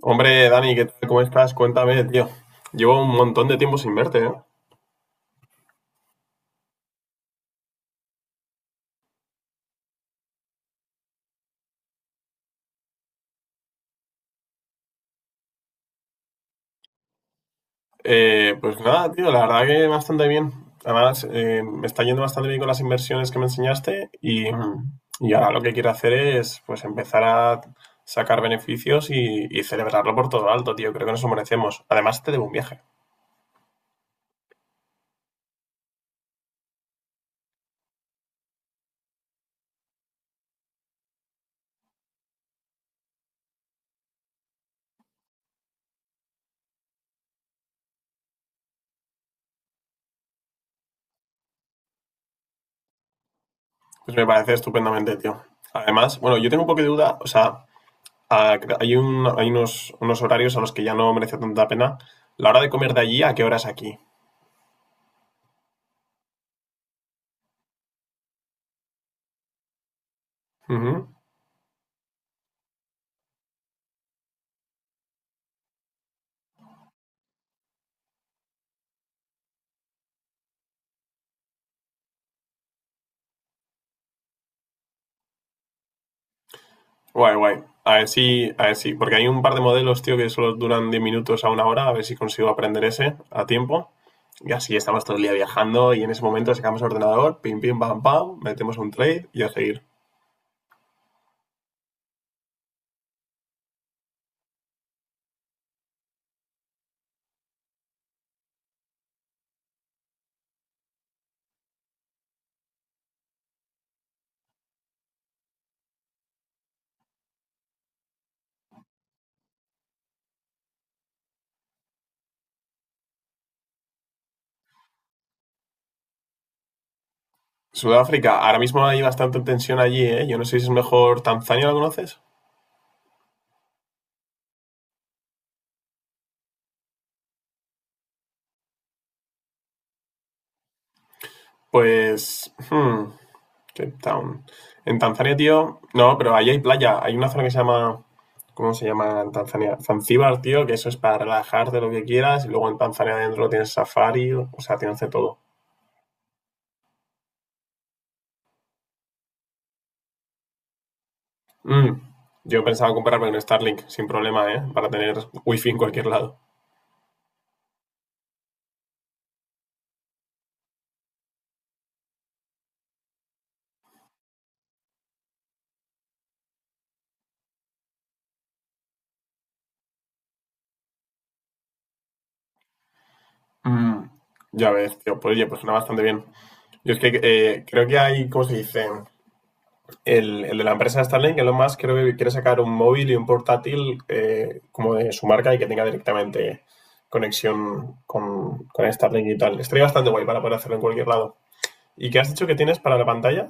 Hombre, Dani, ¿qué tal? ¿Cómo estás? Cuéntame, tío. Llevo un montón de tiempo sin verte, ¿eh? Pues nada, tío, la verdad que bastante bien. Además, me está yendo bastante bien con las inversiones que me enseñaste y y ahora lo que quiero hacer es pues empezar a sacar beneficios y celebrarlo por todo lo alto, tío. Creo que nos lo merecemos. Además, te debo un viaje. Pues me parece estupendamente, tío. Además, bueno, yo tengo un poco de duda, o sea, hay hay unos horarios a los que ya no merece tanta pena. La hora de comer de allí, ¿a qué hora es aquí? Ujú. Guay, guay. A ver si, porque hay un par de modelos, tío, que solo duran 10 minutos a una hora, a ver si consigo aprender ese a tiempo. Y así estamos todo el día viajando y en ese momento sacamos el ordenador, pim, pim, pam, pam, metemos un trade y a seguir. Sudáfrica, ahora mismo hay bastante tensión allí, ¿eh? Yo no sé si es mejor Tanzania, ¿lo conoces? Pues, hmm, Cape Town. En Tanzania, tío, no, pero ahí hay playa. Hay una zona que se llama, ¿cómo se llama en Tanzania? Zanzíbar, tío, que eso es para relajarte lo que quieras. Y luego en Tanzania adentro tienes safari, o sea, tienes de todo. Mm. Yo pensaba comprarme un Starlink sin problema, ¿eh? Para tener wifi en cualquier lado. Mm. Ya ves, tío, pues oye, pues suena bastante bien. Yo es que creo que hay, ¿cómo se dice? El de la empresa Starlink, Elon Musk, creo que quiere sacar un móvil y un portátil como de su marca y que tenga directamente conexión con Starlink y tal. Estaría bastante guay para poder hacerlo en cualquier lado. ¿Y qué has dicho que tienes para la pantalla?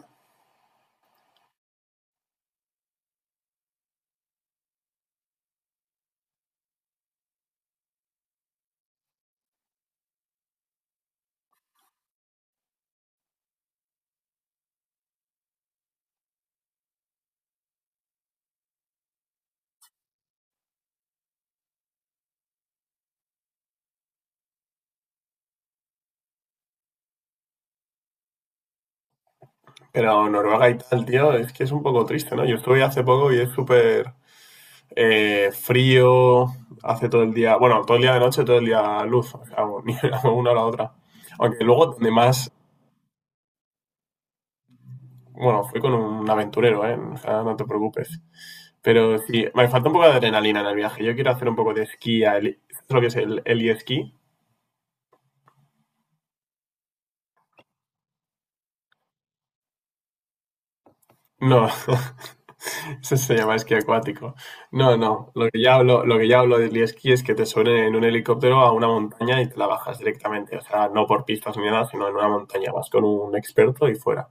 Pero Noruega y tal, tío, es que es un poco triste, ¿no? Yo estuve hace poco y es súper frío, hace todo el día, bueno, todo el día de noche, todo el día luz, o sea, ni una o la otra. Aunque luego, además bueno, fui con un aventurero, ¿eh? O sea, no te preocupes. Pero sí, me falta un poco de adrenalina en el viaje. Yo quiero hacer un poco de esquí, a heli- ¿sabes lo que es el heli? No, eso se llama esquí acuático. No, no, lo que ya hablo de heli-esquí es que te suben en un helicóptero a una montaña y te la bajas directamente. O sea, no por pistas ni nada, sino en una montaña. Vas con un experto y fuera.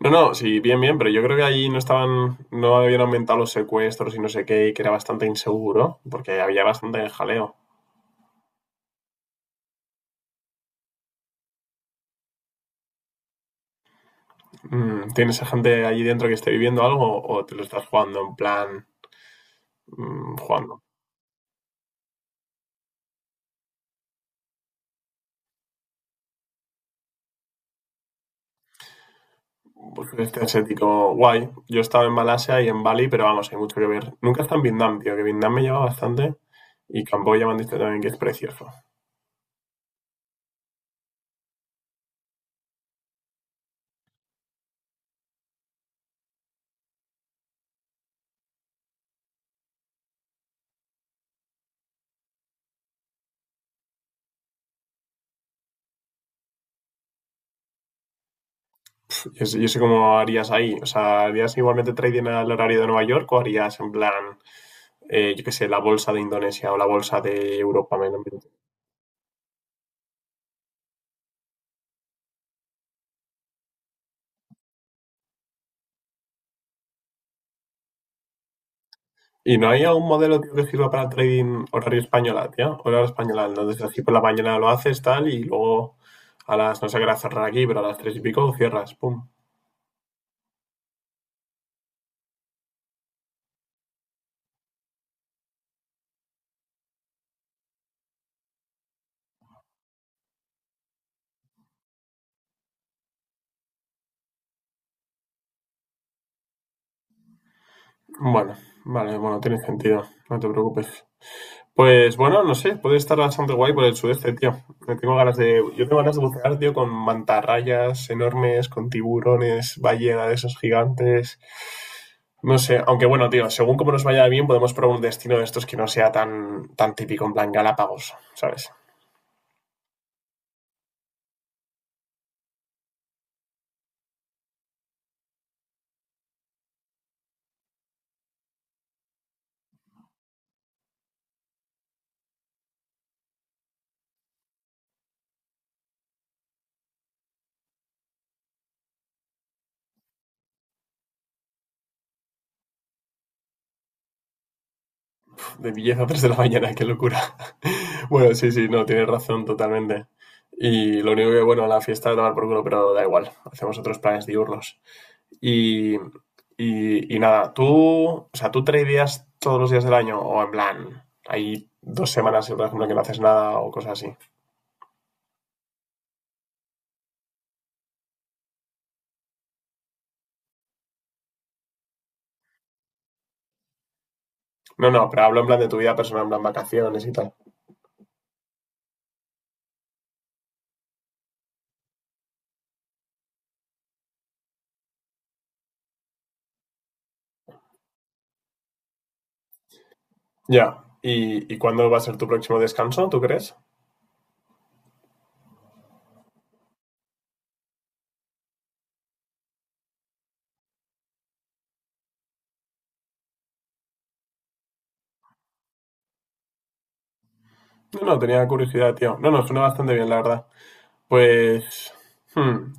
No, no, sí, bien, bien, pero yo creo que allí no no habían aumentado los secuestros y no sé qué, y que era bastante inseguro, porque había bastante jaleo. Mm, ¿tienes a gente allí dentro que esté viviendo algo o te lo estás jugando en plan, mm, jugando? Pues este asiático, guay. Yo estaba en Malasia y en Bali, pero vamos, hay mucho que ver. Nunca está en Vietnam, tío, que Vietnam me lleva bastante. Y Camboya me han dicho también que es precioso. Yo sé cómo harías ahí. O sea, ¿harías igualmente trading al horario de Nueva York o harías en plan, yo qué sé, la bolsa de Indonesia o la bolsa de Europa? ¿Y no hay algún modelo tío, que sirva para trading horario española, tío? Horario española, entonces así por la mañana lo haces, tal, y luego a las, no sé qué hora cerrar aquí, pero a las tres y pico cierras, pum. Bueno, vale, bueno, tiene sentido, no te preocupes. Pues bueno, no sé, puede estar bastante guay por el sudeste, tío. Me tengo ganas de, yo tengo ganas de bucear, tío, con mantarrayas enormes, con tiburones, ballena de esos gigantes. No sé, aunque bueno, tío, según como nos vaya bien, podemos probar un destino de estos que no sea tan típico, en plan Galápagos, ¿sabes? De billetes a 3 de la mañana, qué locura. Bueno, sí, sí, no, tienes razón totalmente. Y lo único que, bueno, la fiesta de tomar por culo, pero da igual, hacemos otros planes diurnos. Y, y nada, tú, o sea, tú tradeas todos los días del año o en plan, hay 2 semanas, por ejemplo, que no haces nada o cosas así. No, no, pero hablo en plan de tu vida personal, en plan vacaciones y tal. Ya, ¿y, y cuándo va a ser tu próximo descanso, tú crees? No, no, tenía curiosidad, tío. No, no, suena bastante bien, la verdad. Pues, hmm,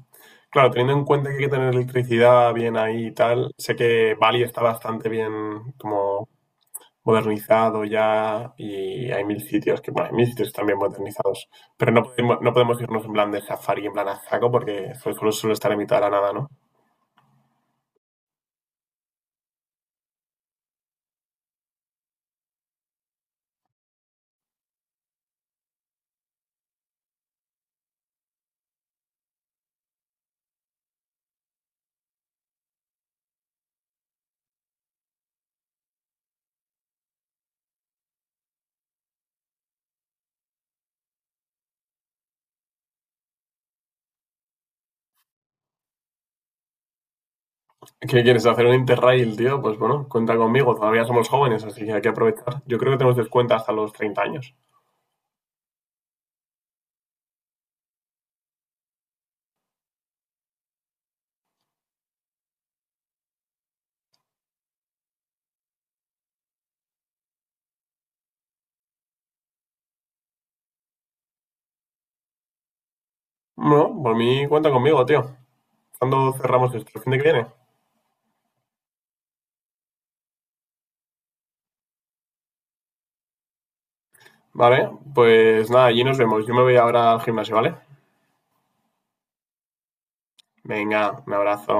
claro, teniendo en cuenta que hay que tener electricidad bien ahí y tal, sé que Bali está bastante bien como modernizado ya y hay mil sitios que, bueno, hay mil sitios también modernizados, pero no podemos irnos en plan de safari, en plan a saco, porque solo suele estar en mitad de la nada, ¿no? ¿Qué quieres hacer un Interrail, tío? Pues bueno, cuenta conmigo, todavía somos jóvenes, así que hay que aprovechar. Yo creo que tenemos descuento hasta los 30 años. Bueno, por mí cuenta conmigo, tío. ¿Cuándo cerramos esto? ¿El fin de que viene? Vale, pues nada, allí nos vemos. Yo me voy ahora al gimnasio, ¿vale? Venga, un abrazo.